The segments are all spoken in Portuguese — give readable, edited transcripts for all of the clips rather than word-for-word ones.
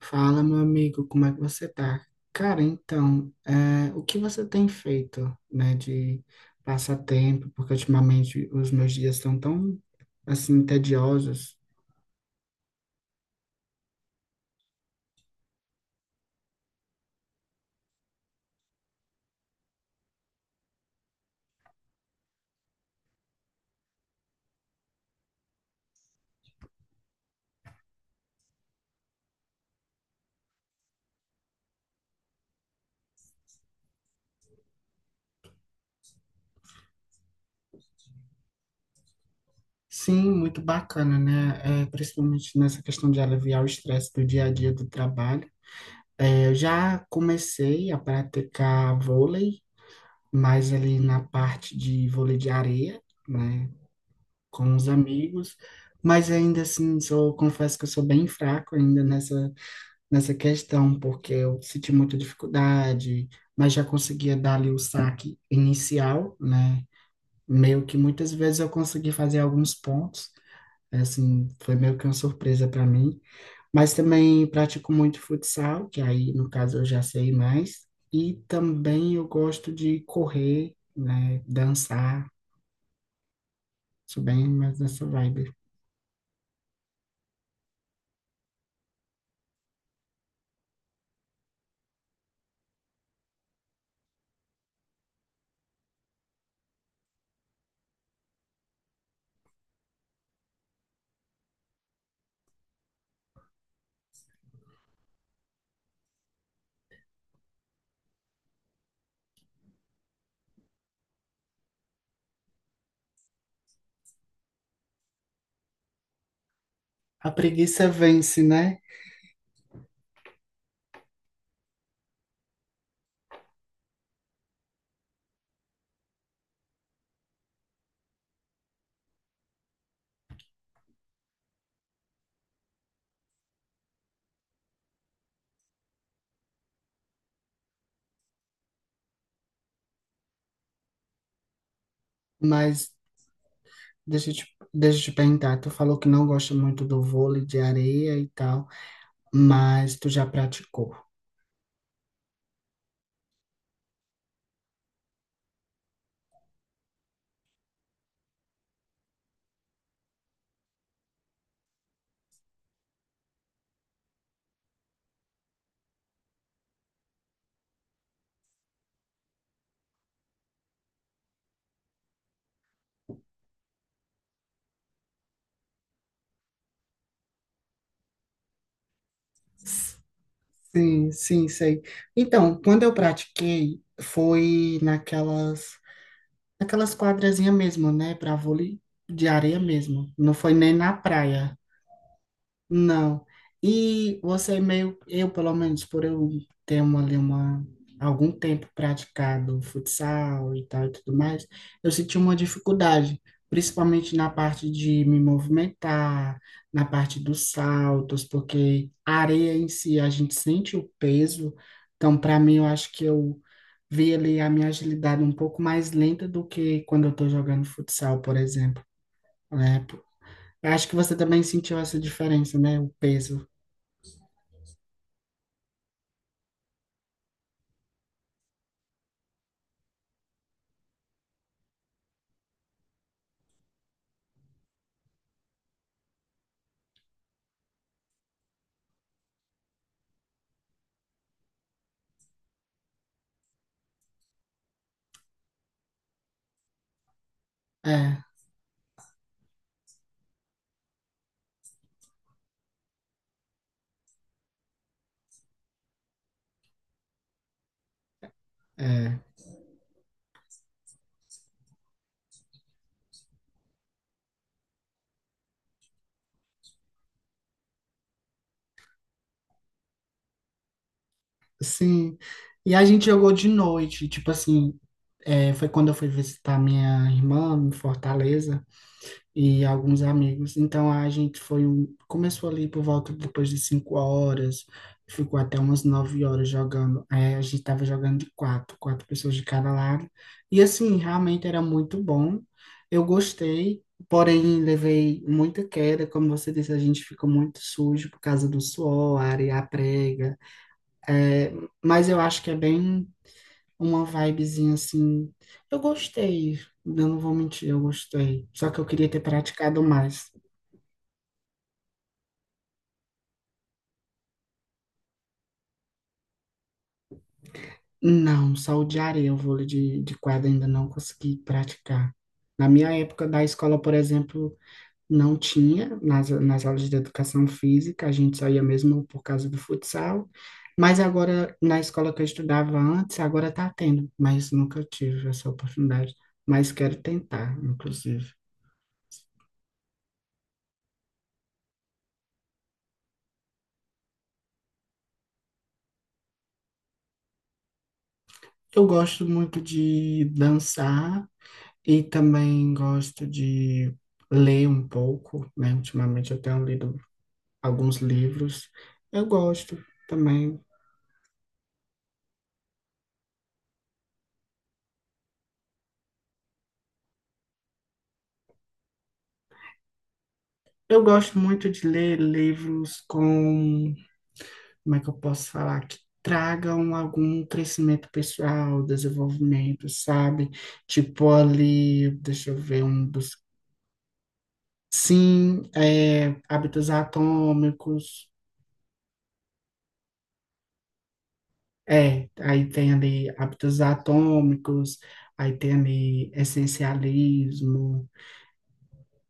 Fala, meu amigo, como é que você tá? Cara, então, o que você tem feito, né, de passatempo? Porque ultimamente os meus dias estão tão, assim, tediosos. Sim, muito bacana, né? É, principalmente nessa questão de aliviar o estresse do dia a dia do trabalho. É, eu já comecei a praticar vôlei, mais ali na parte de vôlei de areia, né, com os amigos. Mas ainda assim, confesso que eu sou bem fraco ainda nessa questão, porque eu senti muita dificuldade, mas já conseguia dar ali o saque inicial, né? Meio que muitas vezes eu consegui fazer alguns pontos, assim, foi meio que uma surpresa para mim. Mas também pratico muito futsal, que aí, no caso, eu já sei mais. E também eu gosto de correr, né? Dançar, sou bem mais nessa vibe. A preguiça vence, né? Mas deixa eu te perguntar, tu falou que não gosta muito do vôlei de areia e tal, mas tu já praticou? Sim, sim, sei. Então, quando eu pratiquei, foi naquelas quadrazinhas mesmo, né, para vôlei de areia mesmo. Não foi nem na praia. Não. E você é meio, eu pelo menos, por eu ter uma, ali uma, algum tempo praticado futsal e tal e tudo mais, eu senti uma dificuldade, principalmente na parte de me movimentar, na parte dos saltos, porque a areia em si a gente sente o peso, então para mim eu acho que eu vi ali a minha agilidade um pouco mais lenta do que quando eu estou jogando futsal, por exemplo, né? Eu acho que você também sentiu essa diferença, né? O peso. É, é, sim. E a gente jogou de noite, tipo assim, foi quando eu fui visitar minha irmã em Fortaleza e alguns amigos. Então a gente foi, começou ali por volta depois de 5 horas, ficou até umas 9 horas jogando. É, a gente tava jogando de 4 pessoas de cada lado. E assim, realmente era muito bom. Eu gostei, porém levei muita queda, como você disse, a gente ficou muito sujo por causa do suor, a areia prega. É, mas eu acho que é bem uma vibezinha assim. Eu gostei, eu não vou mentir, eu gostei. Só que eu queria ter praticado mais. Não, só o de areia, o vôlei de quadra ainda não consegui praticar. Na minha época da escola, por exemplo, não tinha, nas aulas de educação física, a gente só ia mesmo por causa do futsal. Mas agora, na escola que eu estudava antes, agora tá tendo, mas nunca tive essa oportunidade. Mas quero tentar, inclusive. Eu gosto muito de dançar e também gosto de ler um pouco, né? Ultimamente eu tenho lido alguns livros. Eu gosto também. Eu gosto muito de ler livros com, como é que eu posso falar, que tragam algum crescimento pessoal, desenvolvimento, sabe? Tipo ali, deixa eu ver um dos. Sim, é, Hábitos Atômicos. É, aí tem ali hábitos atômicos, aí tem ali essencialismo,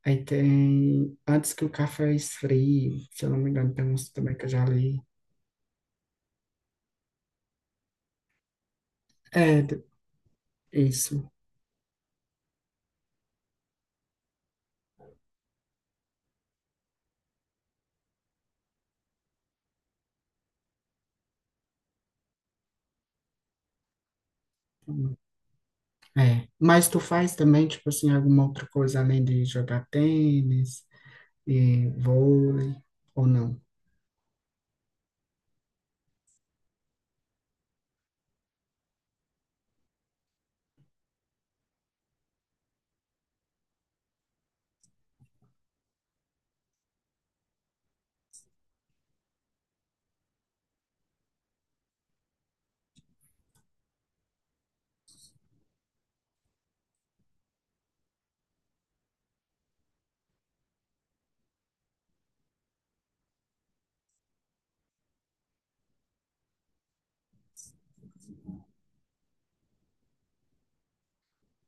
aí tem Antes que o café esfrie, se eu não me engano, tem uns também que eu já li. É, d- isso. É. Mas tu faz também, tipo assim, alguma outra coisa além de jogar tênis e vôlei, ou não?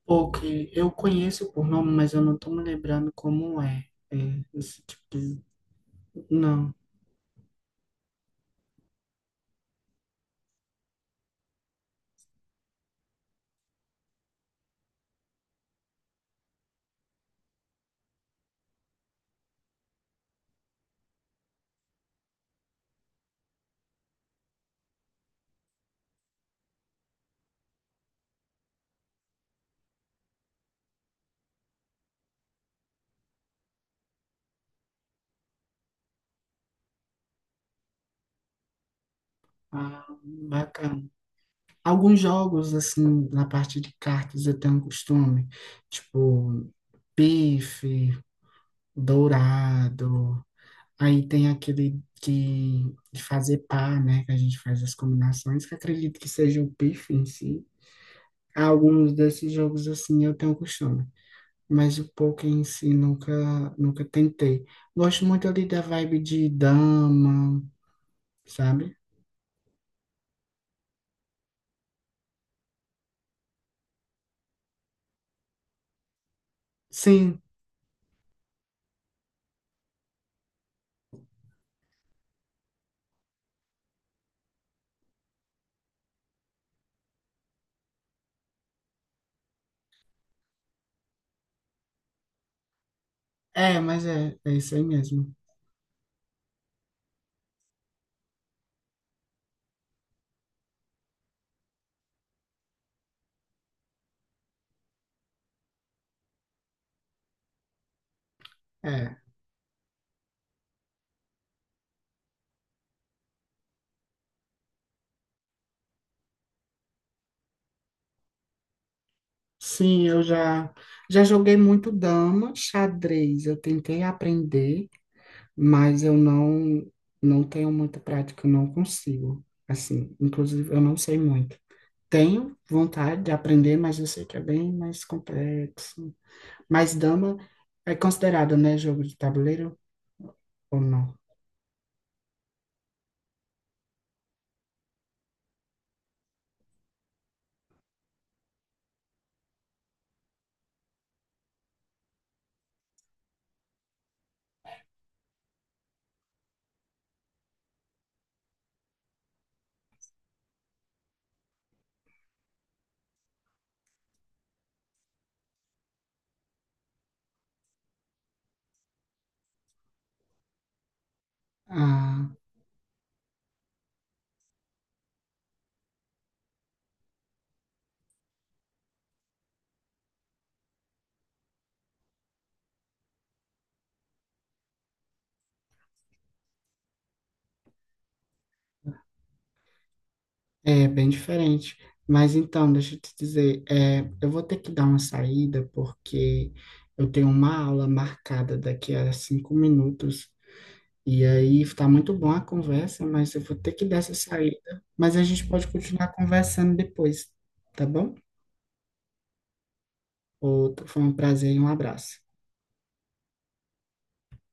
Ou que eu conheço por nome, mas eu não tô me lembrando como é. É, esse tipo, de- não. Ah, bacana. Alguns jogos, assim, na parte de cartas eu tenho um costume, tipo, pife, dourado, aí tem aquele de fazer par, né, que a gente faz as combinações, que acredito que seja o pife em si. Alguns desses jogos, assim, eu tenho um costume, mas o poker em si nunca, nunca tentei. Gosto muito ali da vibe de dama, sabe? Sim, é, mas é, é isso aí mesmo. É. Sim, eu já joguei muito dama, xadrez. Eu tentei aprender, mas eu não tenho muita prática, eu não consigo. Assim, inclusive eu não sei muito. Tenho vontade de aprender, mas eu sei que é bem mais complexo. Mas dama é considerado, né, jogo de tabuleiro ou não? Ah, é bem diferente. Mas então, deixa eu te dizer, é, eu vou ter que dar uma saída porque eu tenho uma aula marcada daqui a 5 minutos. E aí está muito bom a conversa, mas eu vou ter que dar essa saída. Mas a gente pode continuar conversando depois, tá bom? Outro, foi um prazer e um abraço.